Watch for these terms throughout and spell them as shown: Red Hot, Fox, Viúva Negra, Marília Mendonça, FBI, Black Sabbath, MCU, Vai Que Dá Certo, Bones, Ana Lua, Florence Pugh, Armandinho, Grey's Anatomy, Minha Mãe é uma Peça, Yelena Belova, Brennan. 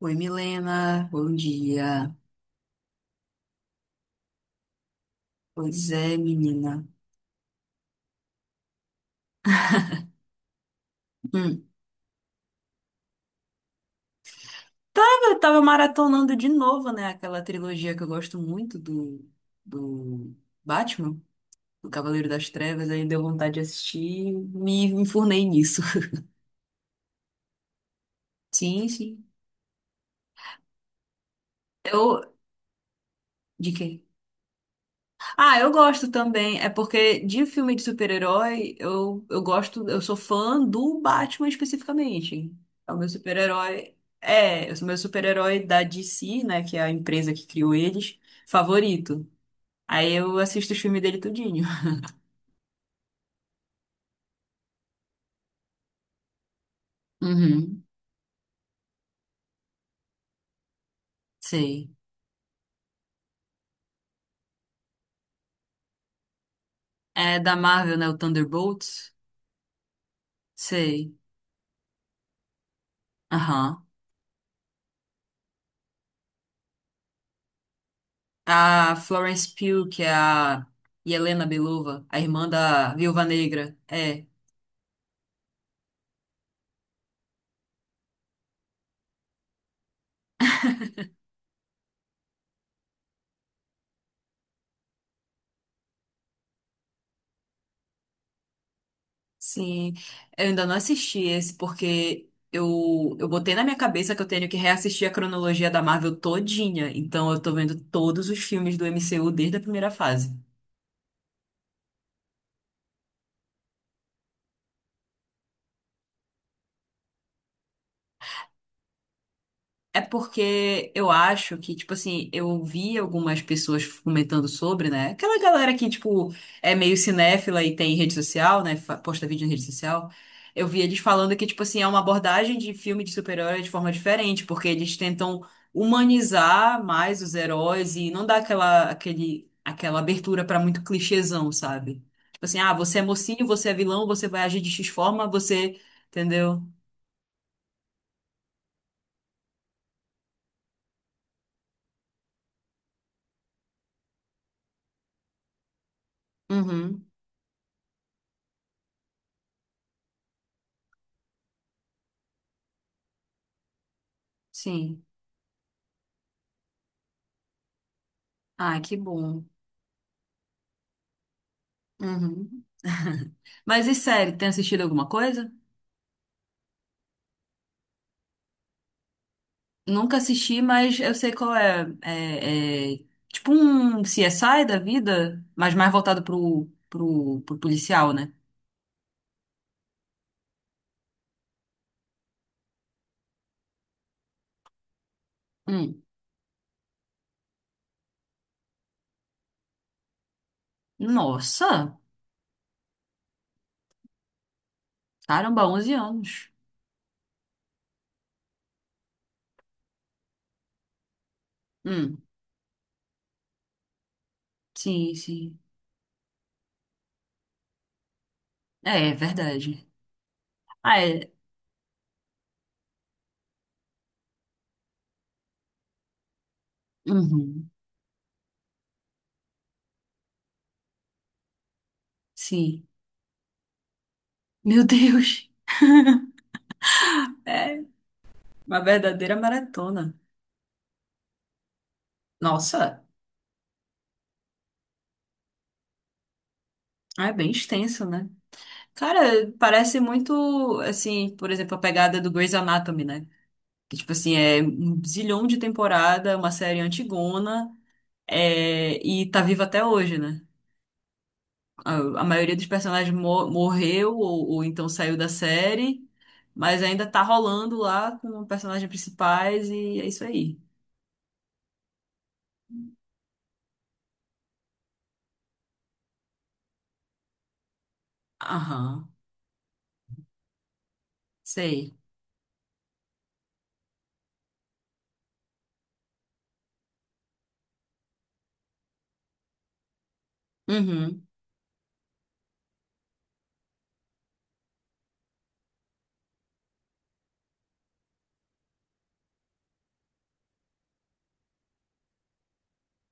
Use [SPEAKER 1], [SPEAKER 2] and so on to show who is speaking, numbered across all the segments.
[SPEAKER 1] Oi, Milena, bom dia. Pois é, menina. Hum. Tava, tava maratonando de novo, né? Aquela trilogia que eu gosto muito do Batman, do Cavaleiro das Trevas, aí deu vontade de assistir e me enfurnei nisso. Sim, sim. Eu. De quê? Ah, eu gosto também. É porque de filme de super-herói, eu gosto, eu sou fã do Batman especificamente. É o meu super-herói. É, eu sou meu super-herói da DC, né? Que é a empresa que criou eles, favorito. Aí eu assisto os filmes dele tudinho. Uhum, sei. É da Marvel, né? O Thunderbolts. Sei. Aham. A Florence Pugh, que é a Yelena Belova, a irmã da Viúva Negra. É. Sim, eu ainda não assisti esse porque eu botei na minha cabeça que eu tenho que reassistir a cronologia da Marvel todinha. Então eu tô vendo todos os filmes do MCU desde a primeira fase. É porque eu acho que, tipo assim, eu ouvi algumas pessoas comentando sobre, né? Aquela galera que, tipo, é meio cinéfila e tem rede social, né? Posta vídeo em rede social. Eu vi eles falando que, tipo assim, é uma abordagem de filme de super-herói de forma diferente, porque eles tentam humanizar mais os heróis e não dar aquela abertura pra muito clichêzão, sabe? Tipo assim, ah, você é mocinho, você é vilão, você vai agir de X forma, você. Entendeu? Uhum, sim. Ah, que bom. Uhum. Mas e série, tem assistido alguma coisa? Nunca assisti, mas eu sei qual é. É, é tipo um CSI da vida, mas mais voltado pro policial, né? Hum. Nossa! Caramba, 11 anos. Hum. Sim, sim. É, é verdade. Ah, é. Uhum. Sim. Meu Deus! É uma verdadeira maratona. Nossa! Ah, é bem extenso, né? Cara, parece muito, assim, por exemplo, a pegada do Grey's Anatomy, né? Que, tipo assim, é um zilhão de temporada, uma série antigona, é, e tá viva até hoje, né? A, a maioria dos personagens morreu ou então saiu da série, mas ainda tá rolando lá com personagens principais e é isso aí. Aham, sei. Uhum.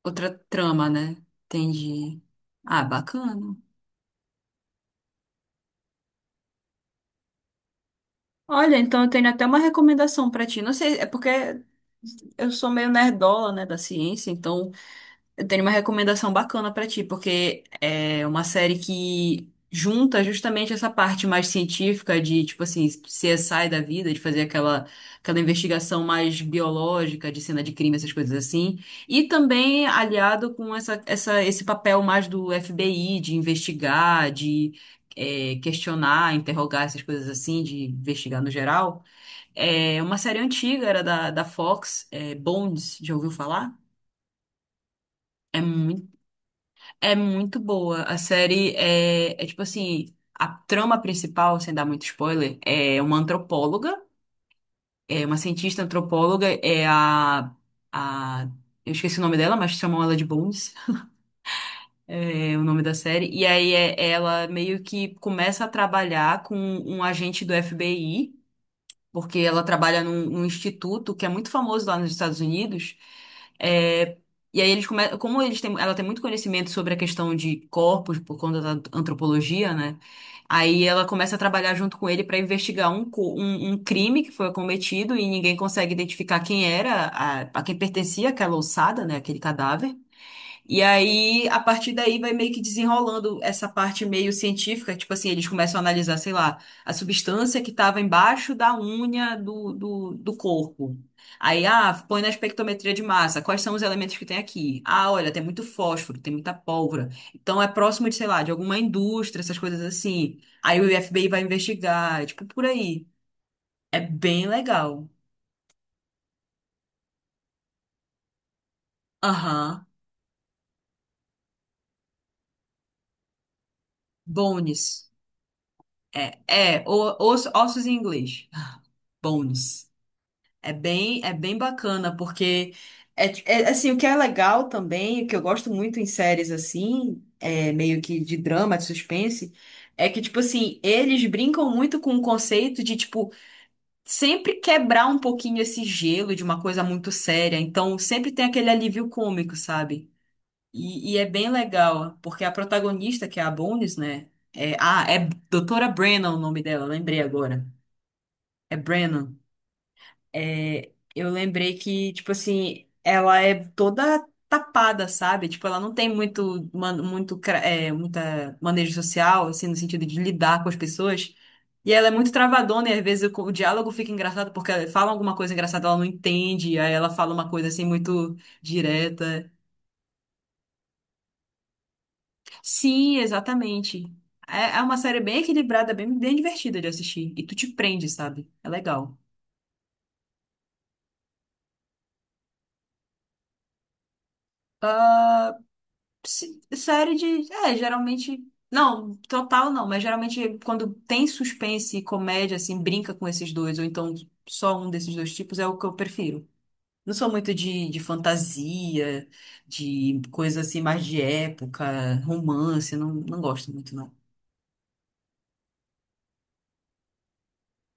[SPEAKER 1] Outra trama, né? Entendi. Ah, bacana. Olha, então eu tenho até uma recomendação pra ti. Não sei, é porque eu sou meio nerdola, né, da ciência, então eu tenho uma recomendação bacana pra ti, porque é uma série que junta justamente essa parte mais científica de, tipo assim, CSI da vida, de fazer aquela, aquela investigação mais biológica, de cena de crime, essas coisas assim, e também aliado com esse papel mais do FBI, de investigar, de é, questionar, interrogar, essas coisas assim, de investigar no geral. É uma série antiga, era da Fox, é, Bones, já ouviu falar? É é muito boa. A série é, é tipo assim, a trama principal, sem dar muito spoiler, é uma antropóloga, é uma cientista antropóloga, é a, eu esqueci o nome dela, mas chamam ela de Bones, é o nome da série. E aí é, ela meio que começa a trabalhar com um agente do FBI porque ela trabalha num instituto que é muito famoso lá nos Estados Unidos. É, e aí eles come... como eles têm... ela tem muito conhecimento sobre a questão de corpos por conta da antropologia, né? Aí ela começa a trabalhar junto com ele para investigar um, um crime que foi cometido e ninguém consegue identificar quem era, a quem pertencia aquela ossada, né? Aquele cadáver. E aí, a partir daí, vai meio que desenrolando essa parte meio científica. Tipo assim, eles começam a analisar, sei lá, a substância que estava embaixo da unha do corpo. Aí, ah, põe na espectrometria de massa. Quais são os elementos que tem aqui? Ah, olha, tem muito fósforo, tem muita pólvora. Então, é próximo de, sei lá, de alguma indústria, essas coisas assim. Aí o FBI vai investigar, é tipo, por aí. É bem legal. Aham. Bones. É, é, ossos em inglês. Bones. É bem bacana, porque é, é, assim, o que é legal também, o que eu gosto muito em séries assim, é, meio que de drama, de suspense, é que, tipo assim, eles brincam muito com o conceito de, tipo, sempre quebrar um pouquinho esse gelo de uma coisa muito séria. Então, sempre tem aquele alívio cômico, sabe? E é bem legal, porque a protagonista, que é a Bones, né? É, ah, é Doutora Brennan o nome dela, lembrei agora. É Brennan. É, eu lembrei que, tipo assim, ela é toda tapada, sabe? Tipo, ela não tem muito, muito, é, muita manejo social, assim, no sentido de lidar com as pessoas. E ela é muito travadona, e às vezes o diálogo fica engraçado, porque ela fala alguma coisa engraçada, ela não entende, aí ela fala uma coisa, assim, muito direta. Sim, exatamente. É, é uma série bem equilibrada, bem, bem divertida de assistir. E tu te prende, sabe? É legal. Se- série de. É, geralmente. Não, total não, mas geralmente quando tem suspense e comédia, assim, brinca com esses dois, ou então só um desses dois tipos, é o que eu prefiro. Não sou muito de fantasia, de coisa assim mais de época, romance, não, não gosto muito, não.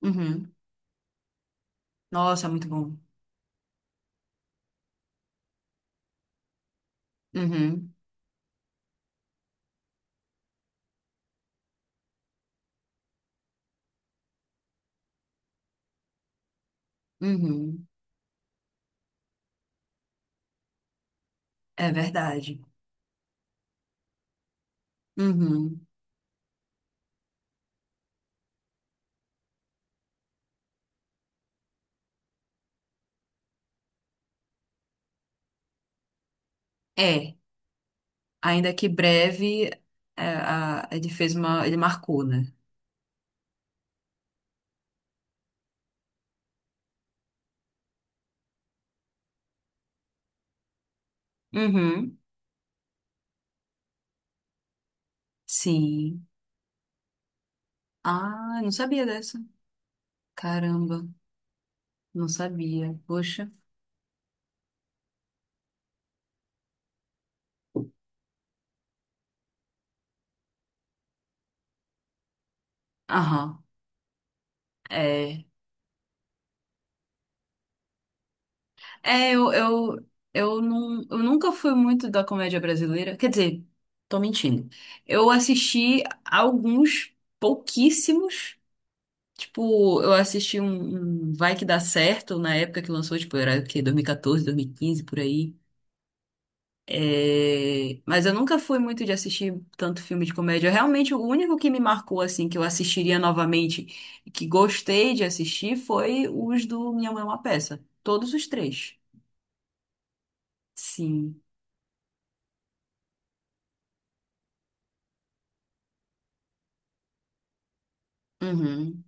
[SPEAKER 1] Uhum. Nossa, é muito bom. Uhum. Uhum. É verdade. Uhum. É, ainda que breve, é, ele fez uma, ele marcou, né? Uhum. Sim. Ah, não sabia dessa. Caramba, não sabia. Poxa. Aham, é. É, não, eu nunca fui muito da comédia brasileira. Quer dizer, tô mentindo. Eu assisti alguns pouquíssimos. Tipo, eu assisti um Vai Que Dá Certo na época que lançou, tipo, era o quê? 2014, 2015, por aí. É, mas eu nunca fui muito de assistir tanto filme de comédia. Realmente, o único que me marcou, assim, que eu assistiria novamente, e que gostei de assistir, foi os do Minha Mãe é uma Peça. Todos os três. Sim. Uhum.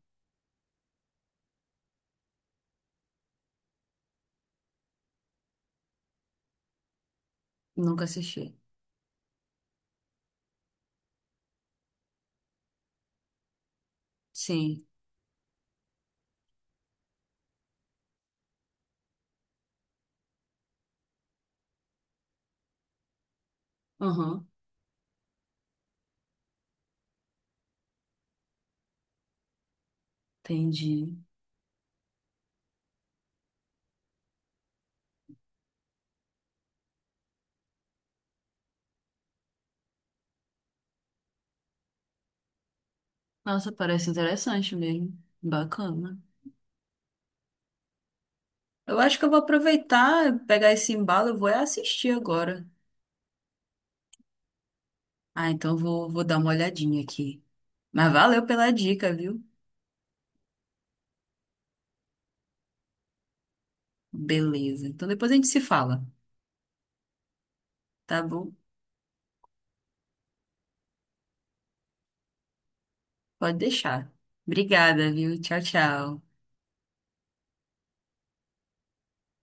[SPEAKER 1] Nunca assisti. Sim. Uhum. Entendi. Nossa, parece interessante mesmo. Bacana. Eu acho que eu vou aproveitar, pegar esse embalo, eu vou é assistir agora. Ah, então eu vou, vou dar uma olhadinha aqui. Mas valeu pela dica, viu? Beleza. Então depois a gente se fala, tá bom? Pode deixar. Obrigada, viu? Tchau, tchau.